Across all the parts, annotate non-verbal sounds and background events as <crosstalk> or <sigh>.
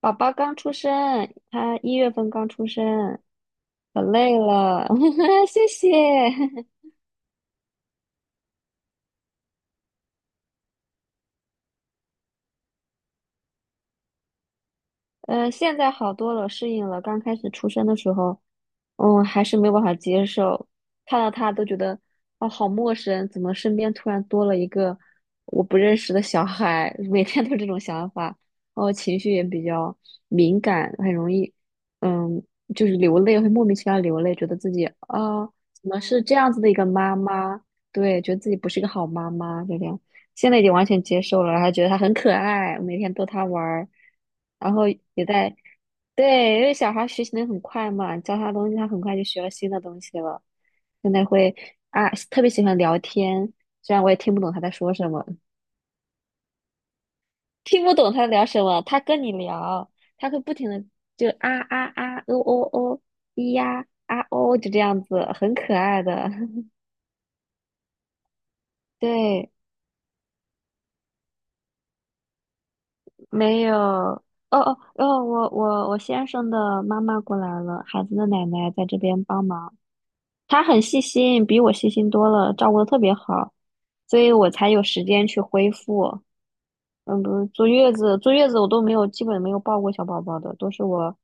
宝宝刚出生，他一月份刚出生，可累了，<laughs> 谢谢。现在好多了，适应了。刚开始出生的时候，还是没有办法接受，看到他都觉得哦，好陌生，怎么身边突然多了一个我不认识的小孩？<laughs> 每天都有这种想法，然后情绪也比较敏感，很容易，嗯，就是流泪，会莫名其妙流泪，觉得自己啊，怎么是这样子的一个妈妈？对，觉得自己不是一个好妈妈，就这样。现在已经完全接受了，还觉得它很可爱，我每天逗它玩儿，然后也在，对，因为小孩儿学习能很快嘛，教他东西，他很快就学了新的东西了。现在会啊，特别喜欢聊天，虽然我也听不懂他在说什么，<laughs> 听不懂他在聊什么，他跟你聊，他会不停的就啊啊啊，哦哦哦，咿呀啊哦，就这样子，很可爱的，<laughs> 对。没有，哦哦哦，我先生的妈妈过来了，孩子的奶奶在这边帮忙，她很细心，比我细心多了，照顾的特别好，所以我才有时间去恢复。嗯，不是坐月子，坐月子我都没有，基本没有抱过小宝宝的，都是我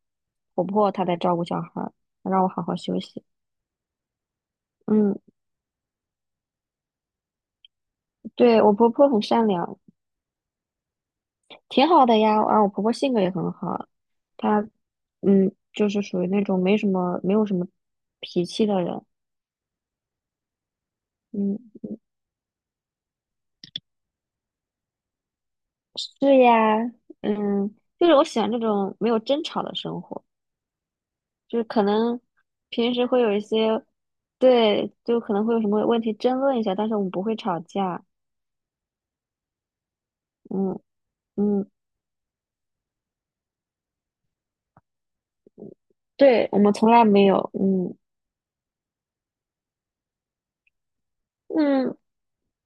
婆婆她在照顾小孩儿，她让我好好休息。嗯，对，我婆婆很善良，挺好的呀，而我婆婆性格也很好，她就是属于那种没有什么脾气的人。嗯，是呀，嗯，就是我喜欢这种没有争吵的生活，就是可能平时会有一些，对，就可能会有什么问题争论一下，但是我们不会吵架，嗯嗯，对，我们从来没有，嗯嗯，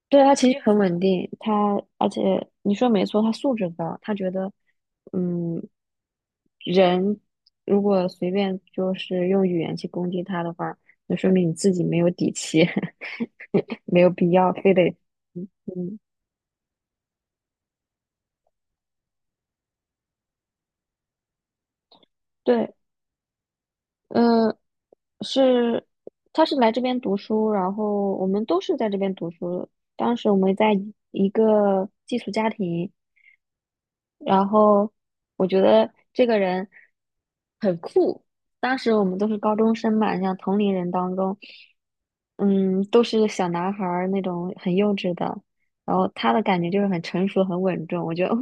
对，他情绪很稳定，而且你说没错，他素质高，他觉得，嗯，人如果随便就是用语言去攻击他的话，那说明你自己没有底气，<laughs> 没有必要非得，嗯，嗯对，呃，是，他是来这边读书，然后我们都是在这边读书的，当时我们在一个寄宿家庭。然后我觉得这个人很酷。当时我们都是高中生嘛，像同龄人当中，嗯，都是小男孩儿那种很幼稚的。然后他的感觉就是很成熟、很稳重，我觉得 <laughs> 哦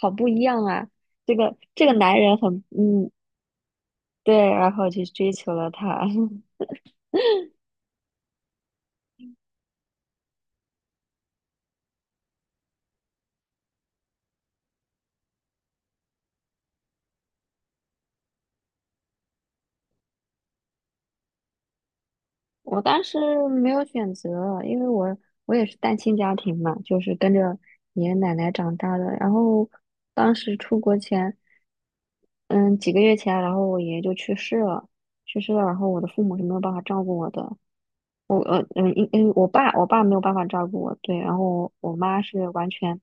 好不一样啊！这个男人很，对，然后去追求了他。<laughs> 我当时没有选择，因为我也是单亲家庭嘛，就是跟着爷爷奶奶长大的。然后当时出国前。嗯，几个月前，然后我爷爷就去世了，去世了，然后我的父母是没有办法照顾我的，我因为我爸没有办法照顾我，对，然后我妈是完全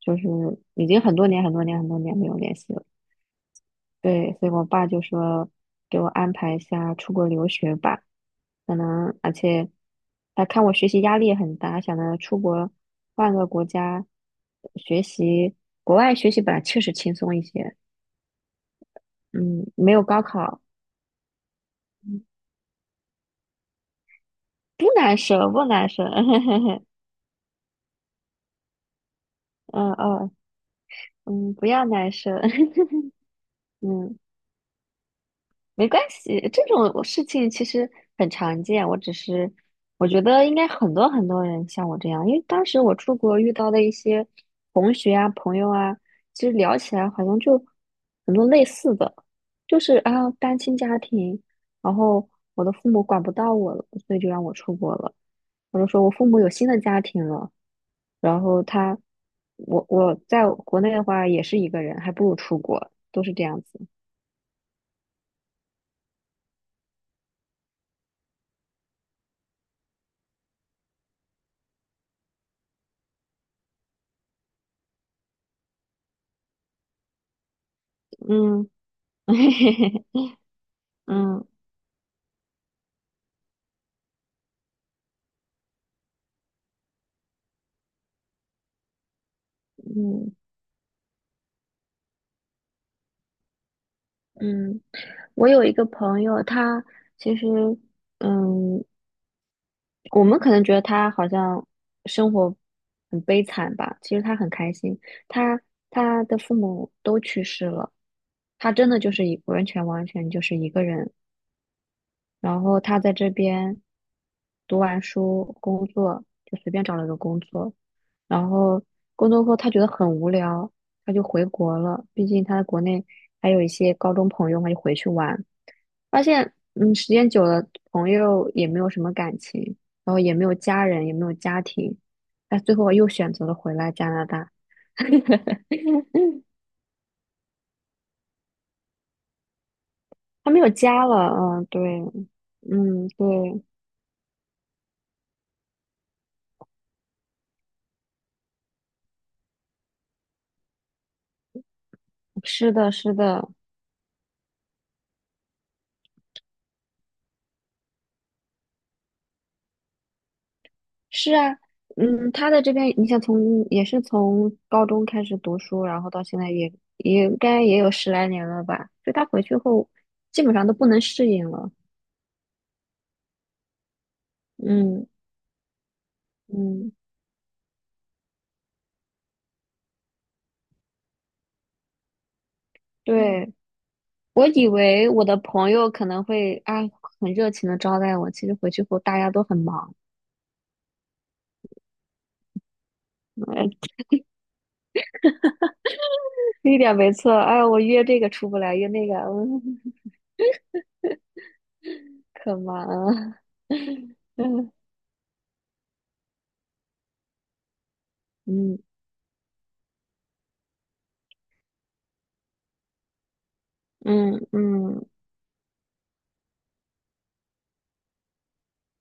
就是已经很多年很多年很多年没有联系了，对，所以我爸就说给我安排一下出国留学吧，可能而且他看我学习压力也很大，想着出国换个国家学习，国外学习本来确实轻松一些，嗯，没有高考。不难受，不难受。<laughs> 嗯哦，嗯，不要难受。<laughs> 嗯，没关系，这种事情其实很常见。我只是，我觉得应该很多很多人像我这样，因为当时我出国遇到的一些同学啊、朋友啊，其实聊起来好像就很多类似的，就是啊，单亲家庭，然后我的父母管不到我了，所以就让我出国了。我就说我父母有新的家庭了，然后他，我在国内的话也是一个人，还不如出国，都是这样子。嗯 <laughs> 嗯嗯嗯，我有一个朋友，他其实嗯，我们可能觉得他好像生活很悲惨吧，其实他很开心。他他的父母都去世了，他真的就是一完全完全就是一个人。然后他在这边读完书工作，就随便找了个工作，然后工作后他觉得很无聊，他就回国了。毕竟他在国内还有一些高中朋友嘛，就回去玩，发现时间久了，朋友也没有什么感情，然后也没有家人，也没有家庭，他最后又选择了回来加拿大。<laughs> 他没有家了，嗯，对，嗯，对，是的，是的，是啊，嗯，他在这边，你像也是从高中开始读书，然后到现在也应该也有十来年了吧？就他回去后，基本上都不能适应了。嗯嗯，对，我以为我的朋友可能会啊很热情的招待我，其实回去后大家都很忙，哎，<laughs> 一点没错。哎，我约这个出不来，约那个，<laughs> 嗯，可忙了。<laughs> 嗯嗯嗯嗯，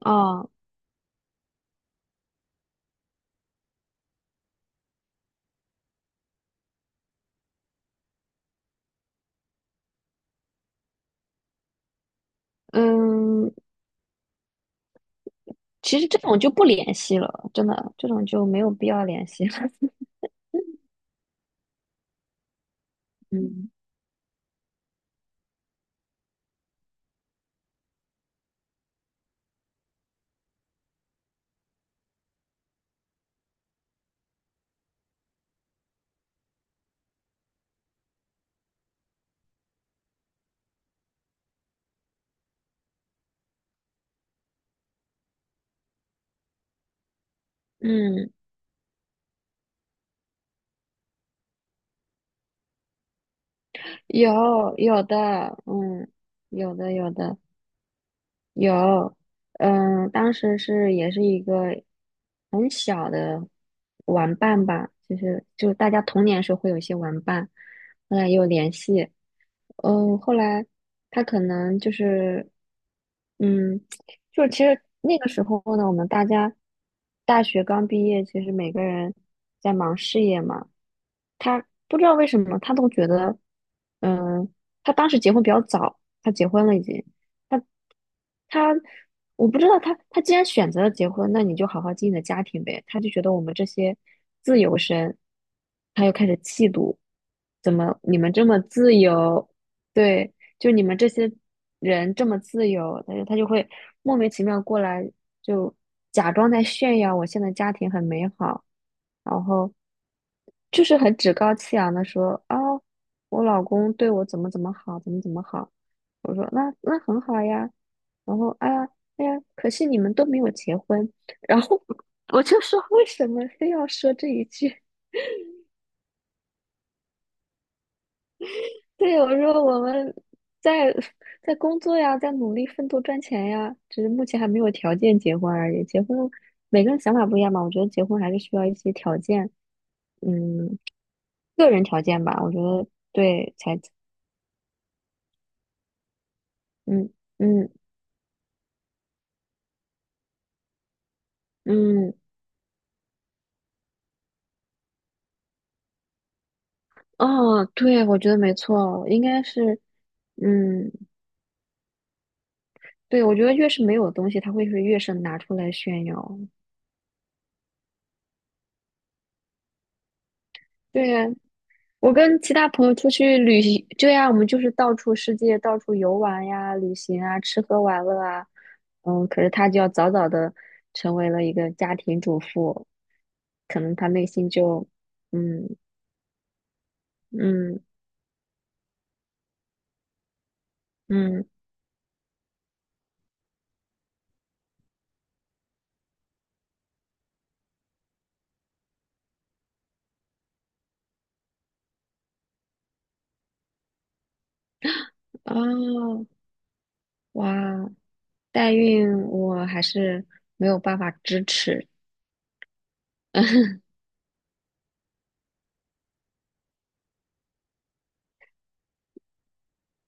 哦，嗯。其实这种就不联系了，真的，这种就没有必要联系了。<laughs> 嗯嗯，有有的，嗯，有的有的有，嗯，当时也是一个很小的玩伴吧，就是大家童年时候会有一些玩伴，后来也有联系，后来他可能就是，嗯，就是其实那个时候呢，我们大家大学刚毕业，其实每个人在忙事业嘛。他不知道为什么，他都觉得，嗯，他当时结婚比较早，他结婚了已经，他他，我不知道他既然选择了结婚，那你就好好经营你的家庭呗。他就觉得我们这些自由身，他又开始嫉妒，怎么你们这么自由？对，就你们这些人这么自由，他就会莫名其妙过来，就假装在炫耀我现在家庭很美好，然后就是很趾高气扬的说啊、我老公对我怎么怎么好，怎么怎么好。我说那很好呀，然后哎呀哎呀，可惜你们都没有结婚，然后 <laughs> 我就说为什么非要说这一句？对，我说我们在在工作呀，在努力奋斗赚钱呀，只是目前还没有条件结婚而已。结婚每个人想法不一样嘛，我觉得结婚还是需要一些条件，嗯，个人条件吧，我觉得对才，嗯嗯嗯，哦，对，我觉得没错，应该是，嗯，对，我觉得越是没有东西，他会是越是拿出来炫耀。对，我跟其他朋友出去旅行，对呀，我们就是到处世界到处游玩呀、旅行啊、吃喝玩乐啊。嗯，可是他就要早早的成为了一个家庭主妇，可能他内心就，嗯嗯嗯，啊哇，代孕我还是没有办法支持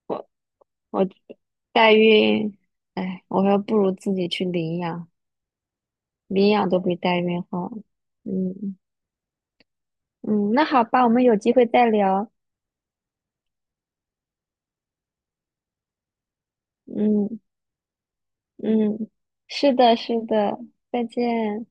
我，我代孕，哎，我还不如自己去领养，领养都比代孕好，嗯。嗯，那好吧，我们有机会再聊。嗯嗯，是的，是的，再见。